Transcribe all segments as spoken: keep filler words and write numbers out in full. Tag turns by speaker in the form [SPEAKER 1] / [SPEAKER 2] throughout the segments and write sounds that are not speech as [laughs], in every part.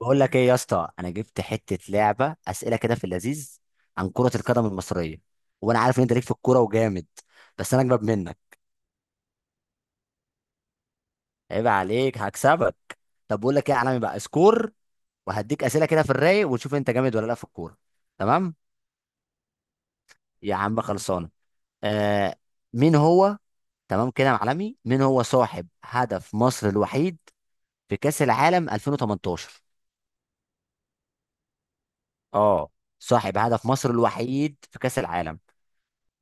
[SPEAKER 1] بقول لك ايه يا اسطى؟ انا جبت حته لعبه اسئله كده في اللذيذ عن كره القدم المصريه، وانا عارف ان انت ليك في الكوره وجامد، بس انا اجمد منك. عيب عليك، هكسبك. طب بقول لك ايه يا عالمي؟ بقى سكور وهديك اسئله كده في الرايق ونشوف انت جامد ولا لا في الكوره. تمام يا عم، خلصانه. آه. مين هو؟ تمام كده يا معلمي، مين هو صاحب هدف مصر الوحيد في كاس العالم ألفين وتمنتاشر؟ اه صاحب هدف مصر الوحيد في كاس العالم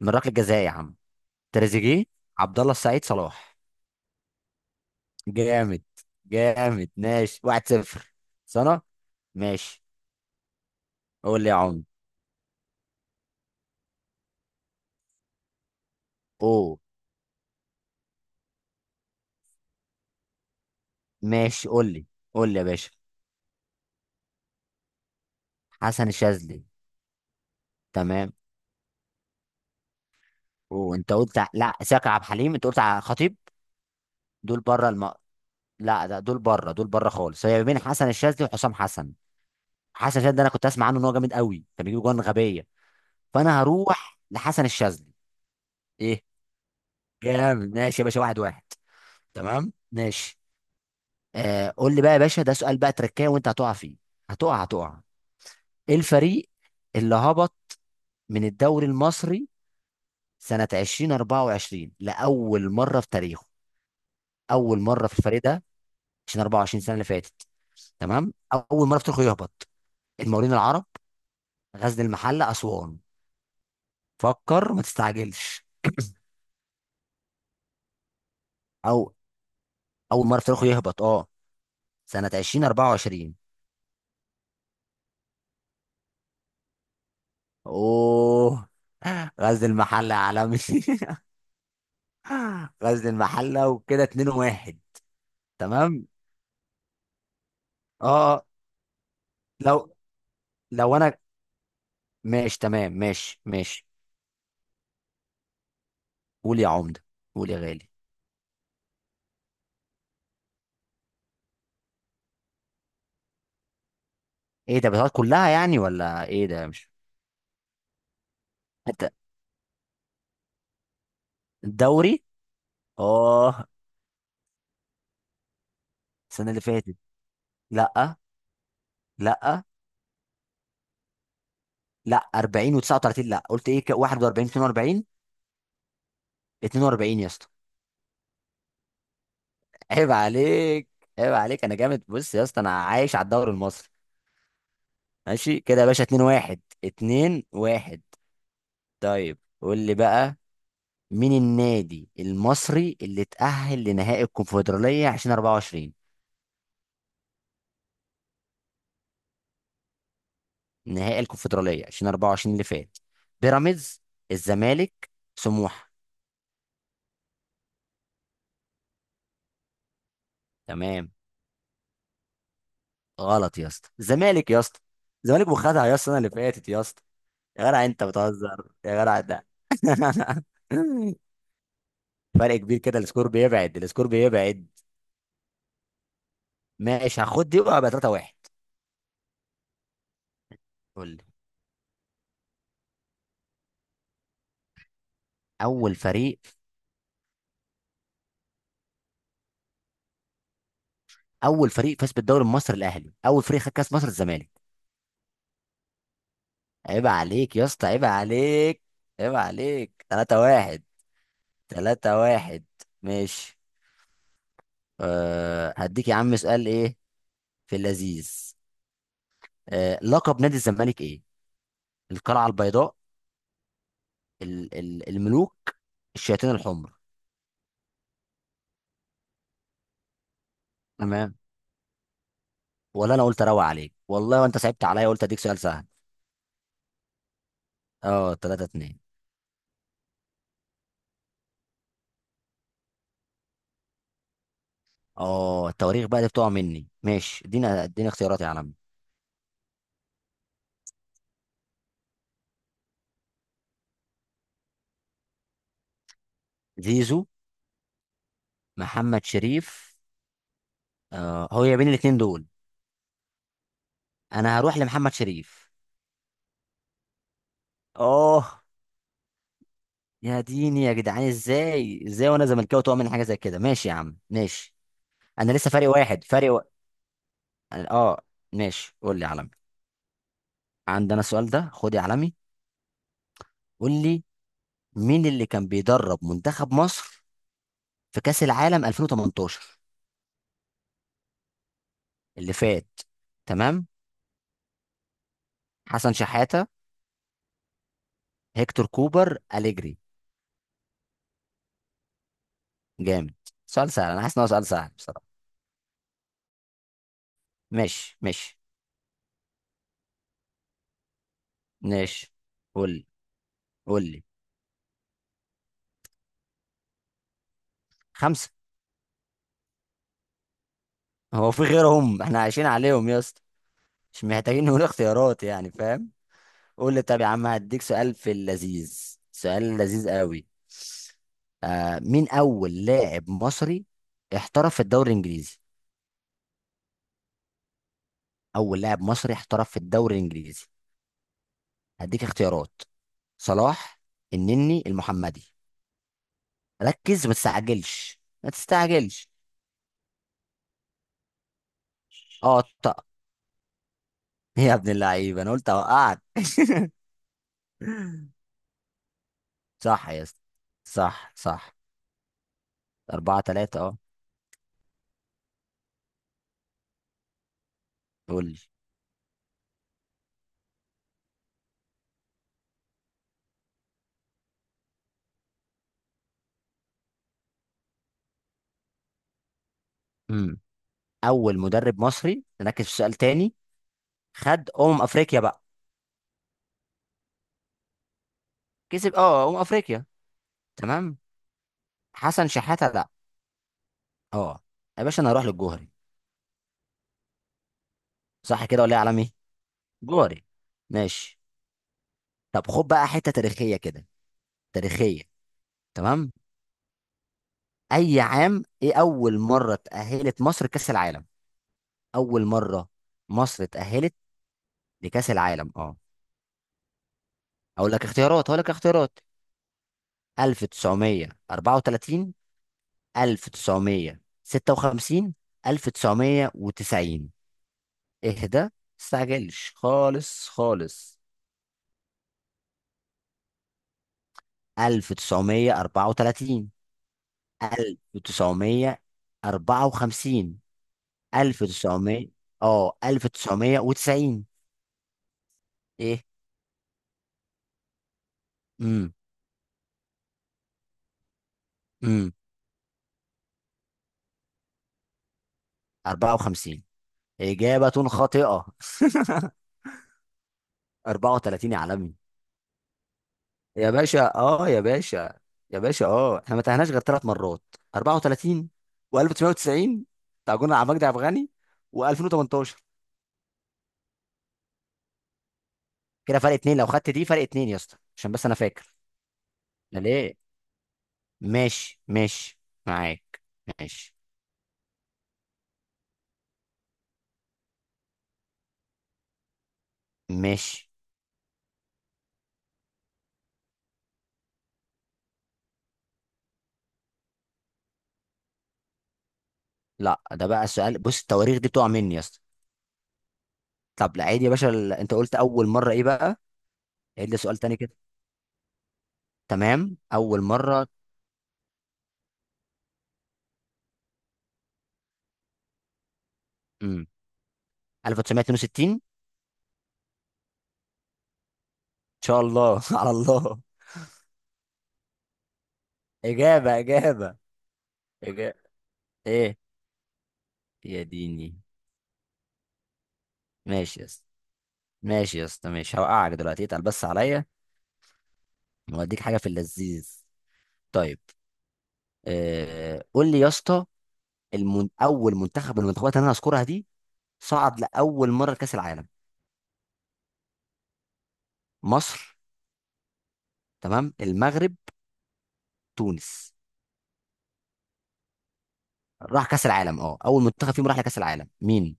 [SPEAKER 1] من ركله جزاء يا عم. تريزيجيه، عبد الله السعيد، صلاح. جامد. جامد، ماشي، واحد صفر. سنة. ماشي. قول لي يا عم اوه ماشي قول لي قول لي يا باشا، حسن الشاذلي. تمام. وانت قلت ع- لا ساكر عبد الحليم، انت قلت على خطيب. دول بره الم... لا، ده دول بره، دول بره خالص. هي بين حسن الشاذلي وحسام حسن. حسن الشاذلي ده انا كنت اسمع عنه ان هو جامد قوي، كان بيجيب جوان غبيه، فانا هروح لحسن الشاذلي. ايه. جامد، ماشي يا باشا، واحد واحد. تمام، ماشي. آه قول لي بقى يا باشا، ده سؤال بقى تركايه وانت هتقع فيه، هتقع هتقع. ايه الفريق اللي هبط من الدوري المصري سنة ألفين وأربعة وعشرين لأول مرة في تاريخه؟ أول مرة في الفريق ده، عشان أربعة وعشرين سنة اللي فاتت. تمام، أول مرة في تاريخه يهبط. المقاولين العرب، غزل المحلة، أسوان. فكر ما تستعجلش. أو، أول مرة في تاريخه يهبط أه، سنة ألفين وأربعة وعشرين. أوه، غزل المحلة يا عالمي. [laughs] غزل المحلة وكده. اتنين واحد. تمام. اه. لو لو انا. ماشي، تمام، ماشي ماشي. قول يا عمده، قول يا غالي. ايه ده، بتاعت كلها يعني ولا ايه ده؟ مش انت؟ الدوري. اه. السنه اللي فاتت. لا. لا، لا، أربعين و39، لا قلت ايه ك- واحد وأربعين اتنين وأربعين. اتنين وأربعين يا اسطى، عيب عليك. عيب عليك، انا جامد. بص يا اسطى، انا عايش على الدوري المصري. ماشي كده يا باشا، اتنين واحد، اتنين واحد. طيب قول لي بقى، مين النادي المصري اللي اتأهل لنهائي الكونفدرالية ألفين وأربعة وعشرين؟ نهائي الكونفدرالية ألفين وأربعة وعشرين اللي فات. بيراميدز، الزمالك، سموحة. تمام. غلط يا اسطى، الزمالك يا اسطى. الزمالك وخدها يا اسطى، السنة اللي فاتت يا اسطى. يا جدع انت بتهزر يا جدع ده. [laughs] فرق كبير كده، السكور بيبعد، السكور بيبعد. ماشي، هاخد دي وهبقى تلاتة واحد. قول لي. اول فريق. اول فريق فاز بالدوري المصري الاهلي، اول فريق خد كاس مصر الزمالك. عيب عليك يا اسطى، عيب عليك. عيب عليك، تلاتة واحد. تلاتة واحد. ماشي. أه هديك يا عم سؤال ايه في اللذيذ. أه، لقب نادي الزمالك ايه؟ القلعة البيضاء، ال ال الملوك الشياطين الحمر. تمام. ولا انا قلت اروق عليك والله، وانت صعبت عليا، قلت اديك سؤال سهل. اه تلاتة اتنين. اه، التواريخ بقى دي بتقع مني. ماشي، ادينا اديني اختيارات يا عالم. زيزو، محمد شريف. أه، هو يا بين الاتنين دول. انا هروح لمحمد شريف. اه، يا ديني يا جدعان، ازاي؟ ازاي وانا زملكاوي تقع من حاجه زي كده؟ ماشي يا عم، ماشي. انا لسه فارق واحد، فارق و... اه. ماشي، قول لي علمي. عندنا السؤال ده، خد يا علمي. قول لي، مين اللي كان بيدرب منتخب مصر في كاس العالم ألفين وتمنتاشر اللي فات؟ تمام. حسن شحاته، هيكتور كوبر، اليجري. جامد. سؤال سهل، انا حاسس ان هو سؤال سهل بصراحه. ماشي ماشي. ماشي. قول لي قول لي. خمسه. هو في غيرهم احنا عايشين عليهم يا اسطى؟ مش محتاجين نقول اختيارات يعني، فاهم. قول لي، طب يا عم هديك سؤال في اللذيذ. سؤال لذيذ قوي. آه، مين اول لاعب مصري احترف في الدوري الانجليزي؟ اول لاعب مصري احترف في الدوري الانجليزي. هديك اختيارات: صلاح، النني، المحمدي. ركز، ما تستعجلش ما تستعجلش. اه طق. [laughs] يا ابن اللعيبه، انا قلت اوقعك. [laughs] صح يا اسطى؟ صح صح. أربعة تلاتة اه. قول لي. اول مدرب مصري، نركز في سؤال تاني. خد امم افريقيا بقى. كسب اه امم افريقيا. تمام. حسن شحاته لا. اه يا باشا، انا هروح للجوهري. صح كده ولا ايه يا عالمي؟ جوهري. ماشي. طب خد بقى حته تاريخيه كده، تاريخيه. تمام. اي عام ايه اول مره تاهلت مصر كاس العالم؟ اول مره مصر تاهلت لكاس العالم اه. اقول لك اختيارات اقول لك اختيارات. ألف وتسعمائة وأربعة وثلاثين، ألف وتسعمائة وستة وخمسين، ألف وتسعمائة وتسعين. اهدى، متستعجلش، خالص خالص. ألف وتسعمائة وأربعة وثلاثين، ألف وتسعمائة وأربعة وخمسين، ألف وتسعمائة، اه ألف وتسعمائة وتسعين. ايه؟ امم امم أربعة وخمسين إجابة خاطئة. [laughs] أربعة وثلاثين يا عالمي. يا باشا اه، يا باشا، يا باشا اه، احنا ما تاهناش غير ثلاث مرات: أربعة وثلاثين و1990، بتاع جون عبد المجيد عبد الغني، و2018. كده فرق اتنين، لو خدت دي فرق اتنين يا اسطى، عشان بس انا فاكر. لا ليه؟ ماشي ماشي، معاك. ماشي. ماشي. لا ده بقى سؤال، بص التواريخ دي بتقع مني يا اسطى. طب لا عادي يا باشا، ال- انت قلت اول مره ايه بقى؟ عيد لي سؤال تاني كده. تمام، اول مره. امم ألف وتسعميه واتنين وستين ان شاء الله. [laughs] على الله. اجابه، اجابه، اجابه. ايه؟ يا ديني. ماشي يا اسطى. ماشي يا اسطى، ماشي، هوقعك دلوقتي، اتقل بس عليا. واديك حاجه في اللذيذ. طيب. آه قول لي يا اسطى، المن... اول منتخب من المنتخبات اللي انا هذكرها دي صعد لاول مره لكاس العالم. مصر، تمام، المغرب، تونس. راح كاس العالم اه، اول منتخب فيهم راح لكاس العالم مين؟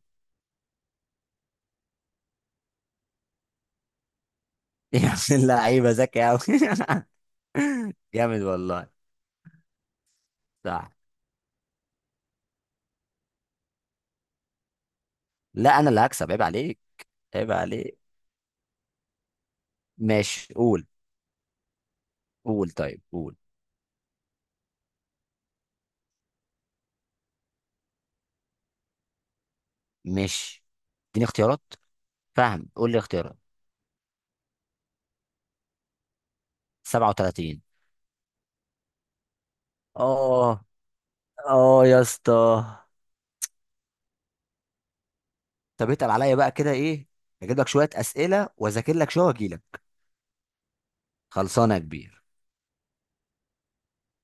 [SPEAKER 1] [laughs] يا ابن اللعيبه، ذكي قوي. [laughs] جامد والله. صح. لا انا اللي هكسب، عيب عليك. عيب عليك. ماشي قول. قول طيب، قول. مش؟ اديني اختيارات، فاهم. قول لي اختيارات. سبعة وثلاثين. اه. اه يا اسطى. طب اتقل عليا بقى كده ايه. اجيب لك شويه اسئله واذاكر لك شويه واجي لك. خلصانه يا كبير.